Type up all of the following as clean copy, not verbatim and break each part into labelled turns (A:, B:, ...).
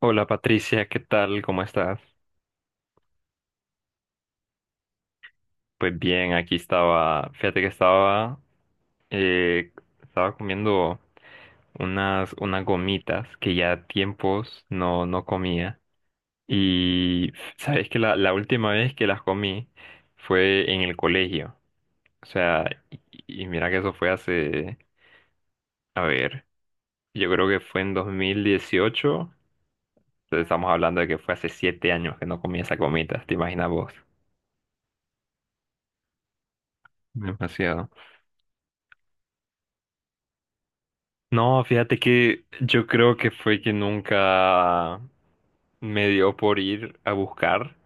A: Hola Patricia, ¿qué tal? ¿Cómo estás? Pues bien, aquí estaba, fíjate que estaba, eh, estaba comiendo unas gomitas que ya tiempos no, no comía. Y sabes que la última vez que las comí fue en el colegio. O sea, y mira que eso fue hace, a ver, yo creo que fue en 2018. Entonces estamos hablando de que fue hace 7 años que no comía esas gomitas, ¿te imaginas vos? Demasiado. No, fíjate que yo creo que fue que nunca me dio por ir a buscar.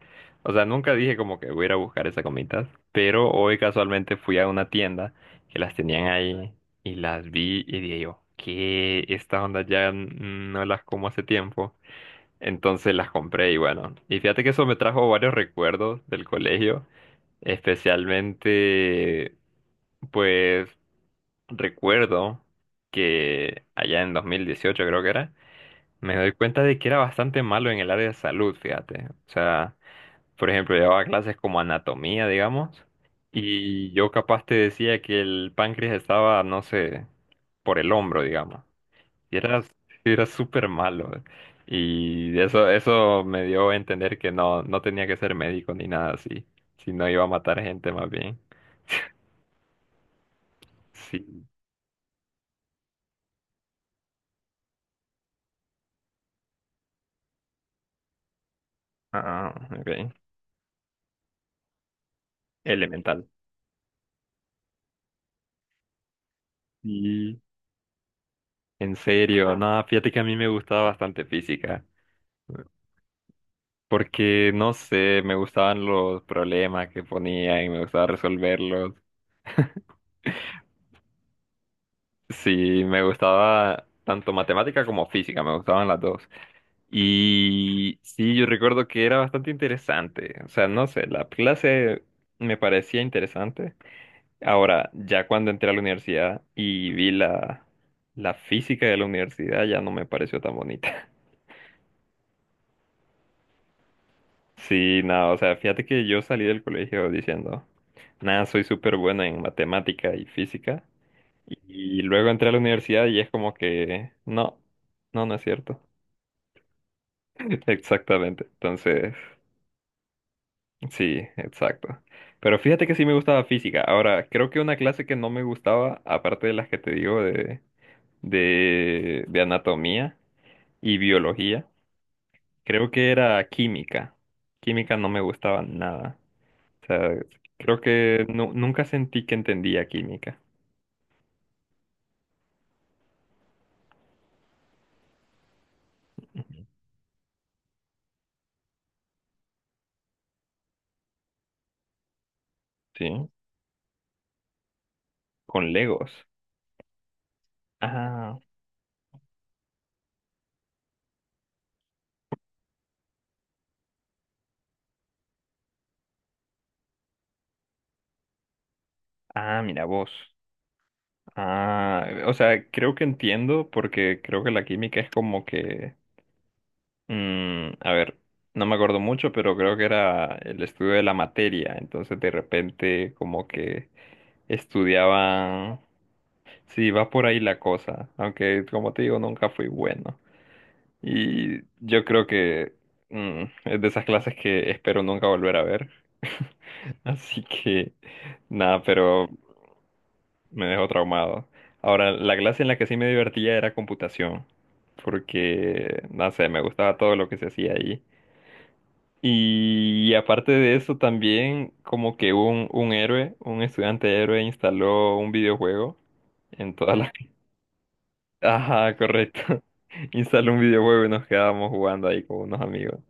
A: O sea, nunca dije como que voy a ir a buscar esas gomitas, pero hoy casualmente fui a una tienda que las tenían ahí y las vi y dije yo, que estas ondas ya no las como hace tiempo. Entonces las compré y bueno, y fíjate que eso me trajo varios recuerdos del colegio, especialmente pues recuerdo que allá en 2018 creo que era, me doy cuenta de que era bastante malo en el área de salud, fíjate. O sea, por ejemplo, llevaba clases como anatomía, digamos, y yo capaz te decía que el páncreas estaba, no sé, por el hombro, digamos. Y era súper malo. Y eso me dio a entender que no, no tenía que ser médico ni nada así, sino iba a matar gente más bien. Sí. Ah, ok. Elemental. Y en serio, no, fíjate que a mí me gustaba bastante física, porque no sé, me gustaban los problemas que ponían y me gustaba resolverlos. Sí, me gustaba tanto matemática como física, me gustaban las dos. Y sí, yo recuerdo que era bastante interesante. O sea, no sé, la clase me parecía interesante. Ahora, ya cuando entré a la universidad y vi la física de la universidad, ya no me pareció tan bonita. Sí, no, o sea, fíjate que yo salí del colegio diciendo, nada, soy súper bueno en matemática y física. Y luego entré a la universidad y es como que, no, no, no es cierto. Exactamente. Entonces, sí, exacto. Pero fíjate que sí me gustaba física. Ahora, creo que una clase que no me gustaba, aparte de las que te digo de anatomía y biología, creo que era química. Química no me gustaba nada. O sea, creo que nunca sentí que entendía química. ¿Sí? Con Legos. Ah, ah, mira vos. Ah, o sea, creo que entiendo porque creo que la química es como que, mm, a ver, no me acuerdo mucho, pero creo que era el estudio de la materia. Entonces de repente como que estudiaban, sí, va por ahí la cosa, aunque como te digo, nunca fui bueno. Y yo creo que mm, es de esas clases que espero nunca volver a ver. Así que, nada, pero me dejó traumado. Ahora, la clase en la que sí me divertía era computación, porque, no sé, me gustaba todo lo que se hacía ahí. Y aparte de eso, también como que un héroe, un estudiante héroe instaló un videojuego en todas las... Ajá, correcto. Instaló un videojuego y nos quedábamos jugando ahí con unos amigos.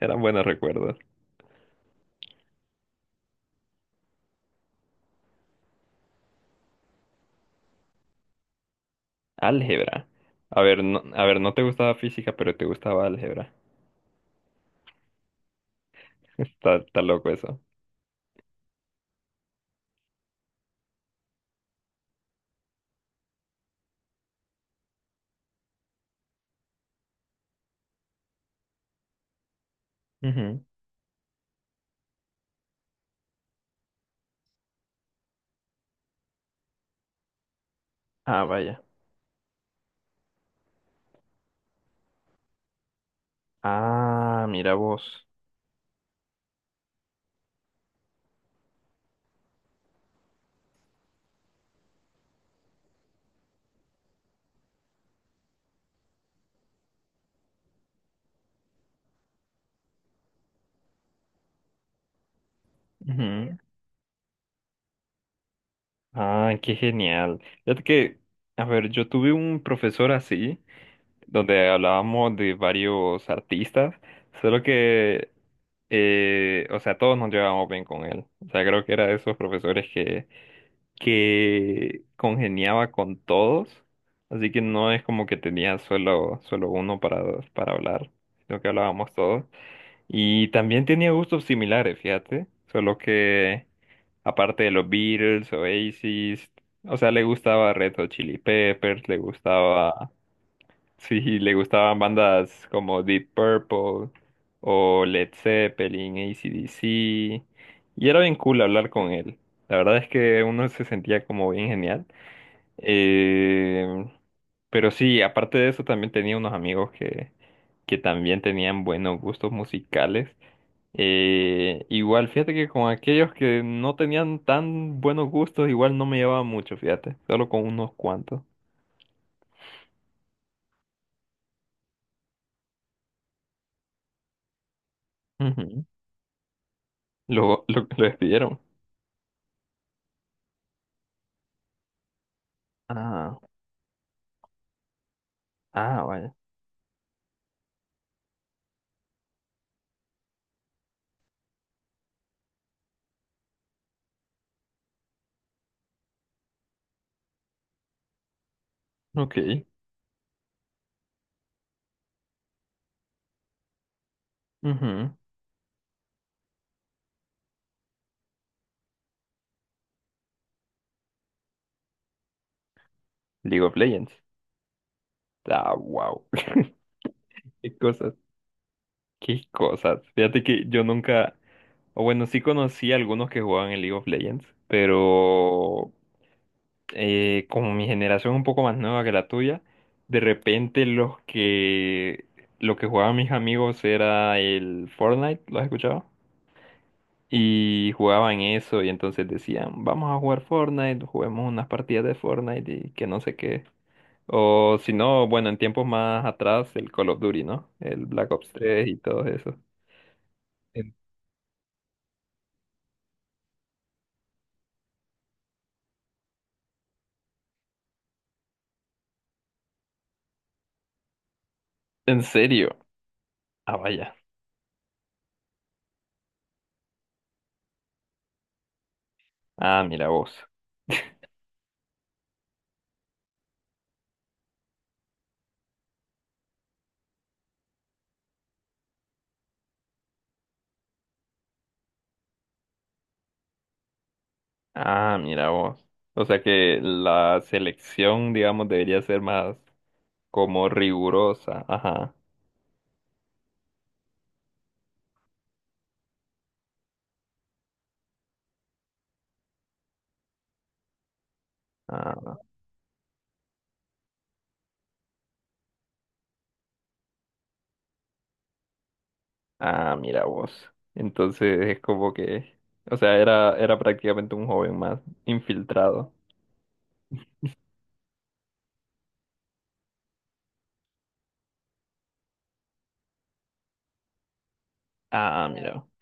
A: Eran buenos recuerdos. Álgebra. A ver, no te gustaba física, pero te gustaba álgebra. Está loco eso. Ujú. Ah, vaya. Ah, mira vos. Ujú. Ah, qué genial. Fíjate que, a ver, yo tuve un profesor así, donde hablábamos de varios artistas, solo que, o sea, todos nos llevábamos bien con él. O sea, creo que era de esos profesores que congeniaba con todos, así que no es como que tenía solo uno para hablar, sino que hablábamos todos. Y también tenía gustos similares, fíjate. Solo que, aparte de los Beatles, Oasis, o sea, le gustaba Red Hot Chili Peppers, le gustaba, sí, le gustaban bandas como Deep Purple o Led Zeppelin, AC/DC. Y era bien cool hablar con él. La verdad es que uno se sentía como bien genial. Eh, pero sí, aparte de eso, también tenía unos amigos que también tenían buenos gustos musicales. Igual, fíjate que con aquellos que no tenían tan buenos gustos, igual no me llevaba mucho, fíjate, solo con unos cuantos. Ujú. Lo despidieron. Ah, ah, vaya. Ok. Ujú. League of Legends. Ah, wow. Qué cosas, qué cosas. Fíjate que yo nunca, o bueno, sí conocí a algunos que jugaban en League of Legends, pero como mi generación un poco más nueva que la tuya, de repente los que lo que jugaban mis amigos era el Fortnite, ¿lo has escuchado? Y jugaban eso y entonces decían, vamos a jugar Fortnite, juguemos unas partidas de Fortnite y que no sé qué. O si no, bueno, en tiempos más atrás, el Call of Duty, ¿no? El Black Ops 3 y todo eso. En- ¿En serio? Ah, vaya. Ah, mira vos. Ah, mira vos. O sea que la selección, digamos, debería ser más como rigurosa. Ajá. Ah, ah, mira vos. Entonces es como que, o sea, era prácticamente un joven más infiltrado. Ah, mira vos.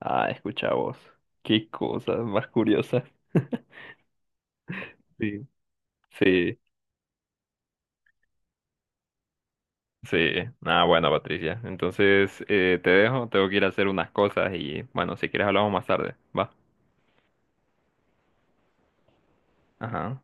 A: Ah, escucha vos. Qué cosas más curiosas. Sí. Sí, sí. Ah, bueno, Patricia. Entonces te dejo, tengo que ir a hacer unas cosas y bueno, si quieres hablamos más tarde. Va. Ajá.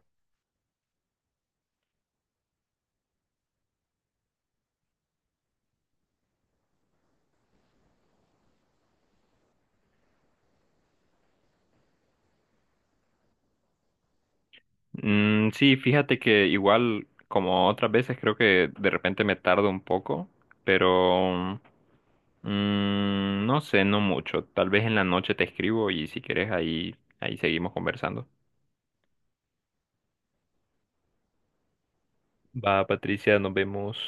A: Mm, sí, fíjate que igual como otras veces creo que de repente me tardo un poco, pero mm, no sé, no mucho. Tal vez en la noche te escribo y si quieres ahí, ahí seguimos conversando. Va, Patricia, nos vemos.